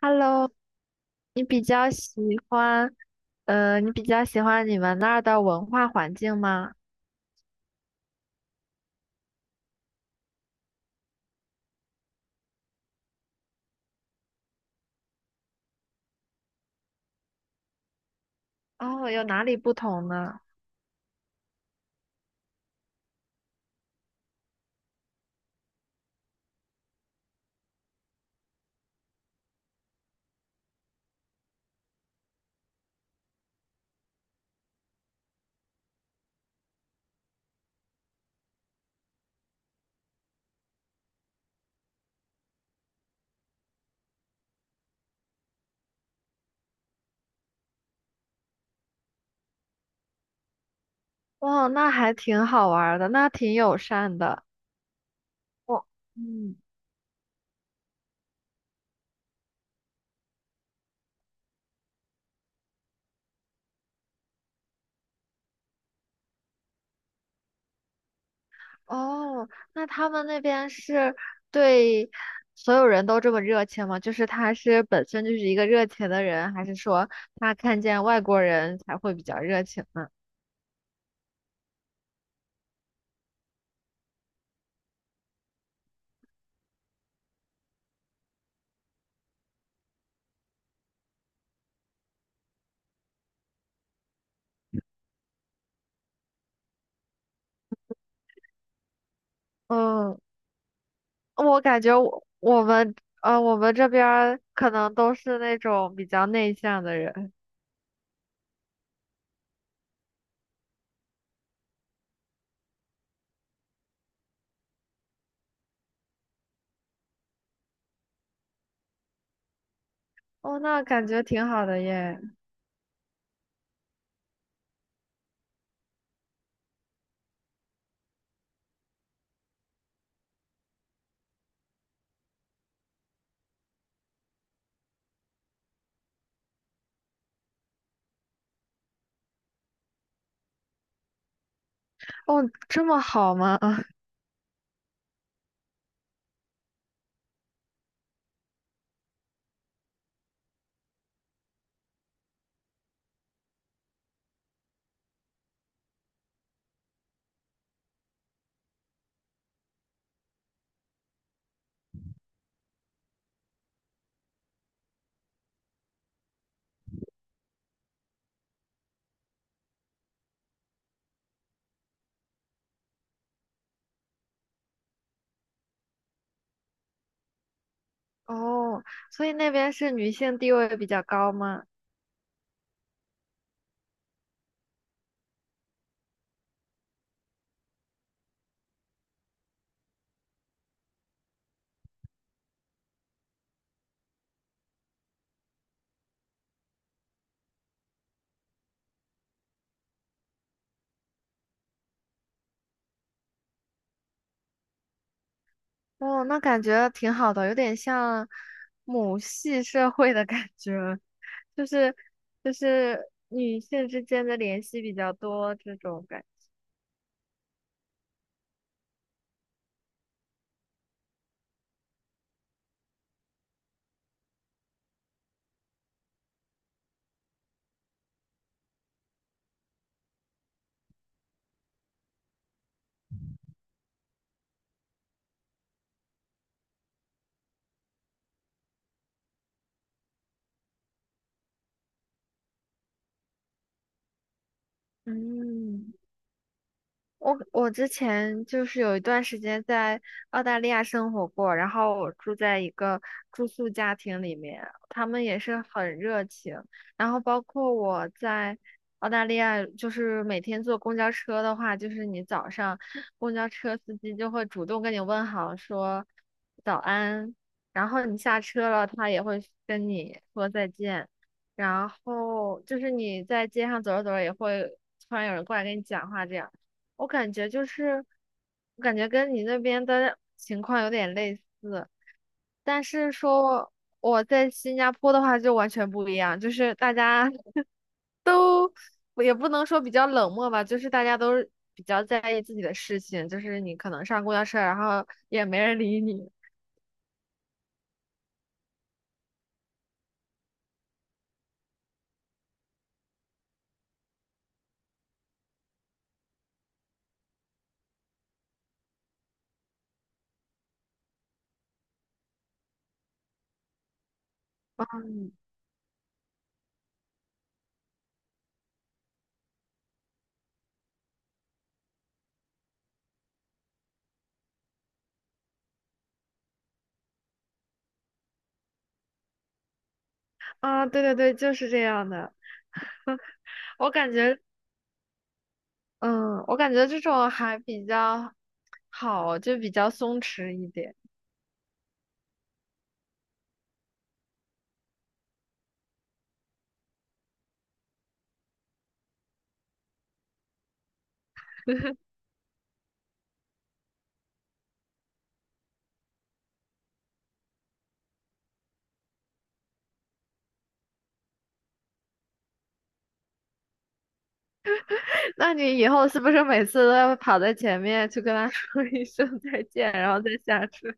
Hello，你比较喜欢，你比较喜欢你们那儿的文化环境吗？哦，有哪里不同呢？哦，那还挺好玩儿的，那挺友善的。哦，嗯，哦，那他们那边是对所有人都这么热情吗？就是他是本身就是一个热情的人，还是说他看见外国人才会比较热情呢？嗯。我感觉我们这边儿可能都是那种比较内向的人。哦，那感觉挺好的耶。哦，这么好吗？哦，所以那边是女性地位比较高吗？哦，那感觉挺好的，有点像母系社会的感觉，就是就是女性之间的联系比较多这种感觉。嗯。我之前就是有一段时间在澳大利亚生活过，然后我住在一个住宿家庭里面，他们也是很热情。然后包括我在澳大利亚，就是每天坐公交车的话，就是你早上公交车司机就会主动跟你问好，说早安，然后你下车了，他也会跟你说再见。然后就是你在街上走着走着，也会突然有人过来跟你讲话这样。我感觉就是，我感觉跟你那边的情况有点类似，但是说我在新加坡的话就完全不一样，就是大家也不能说比较冷漠吧，就是大家都是比较在意自己的事情，就是你可能上公交车，然后也没人理你啊，对对对，就是这样的。我感觉，嗯，我感觉这种还比较好，就比较松弛一点。那你以后是不是每次都要跑在前面去跟他说一声再见，然后再下车？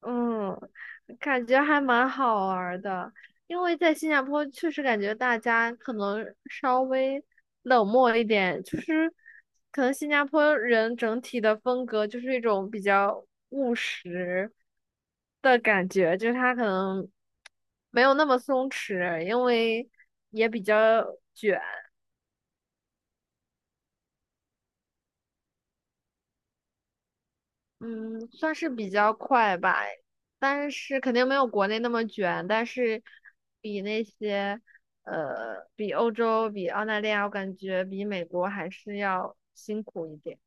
嗯，感觉还蛮好玩儿的，因为在新加坡确实感觉大家可能稍微冷漠一点，就是可能新加坡人整体的风格就是一种比较务实的感觉，就是他可能没有那么松弛，因为也比较。嗯，算是比较快吧，但是肯定没有国内那么卷，但是比那些呃，比欧洲、比澳大利亚，我感觉比美国还是要辛苦一点。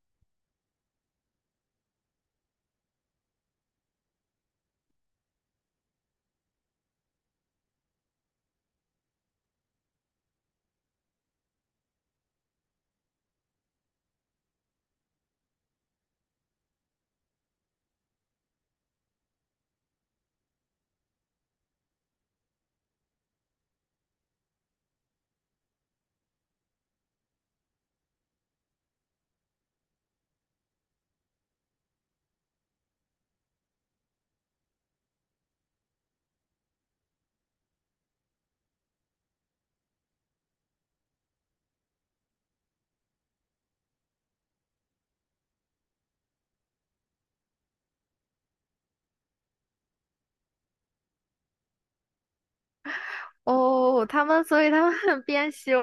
哦，他们，所以他们 边修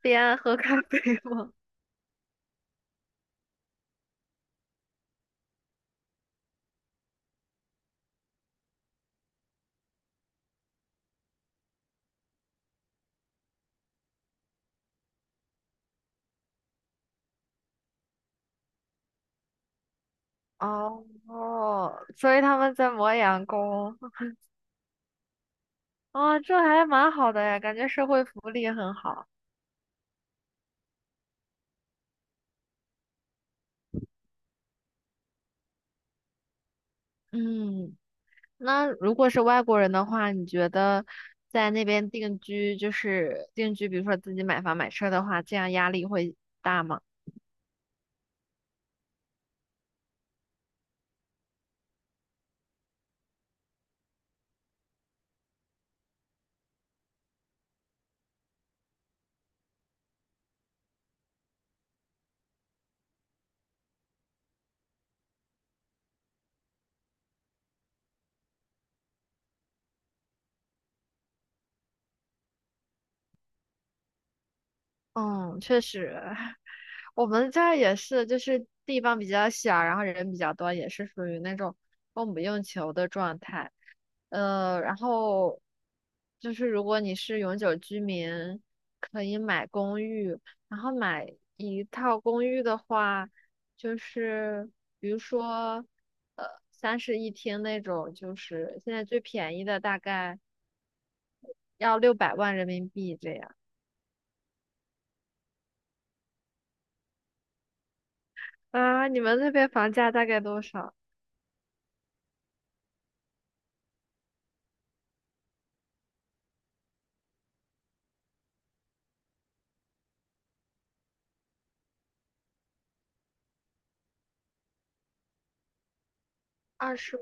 边喝咖啡吗？哦，哦，所以他们在磨洋工。哦，这还蛮好的呀，感觉社会福利很好。嗯。那如果是外国人的话，你觉得在那边定居，就是定居，比如说自己买房买车的话，这样压力会大吗？嗯，确实，我们这儿也是，就是地方比较小，然后人比较多，也是属于那种供不应求的状态。然后就是如果你是永久居民，可以买公寓，然后买一套公寓的话，就是比如说呃三室一厅那种，就是现在最便宜的大概要600万人民币这样。啊，你们那边房价大概多少？二十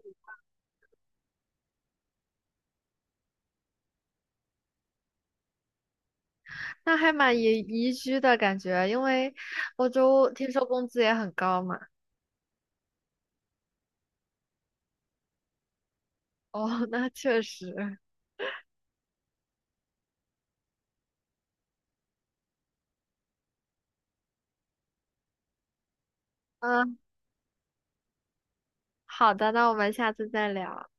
那还蛮宜居的感觉，因为欧洲听说工资也很高嘛。哦，那确实。嗯，好的，那我们下次再聊。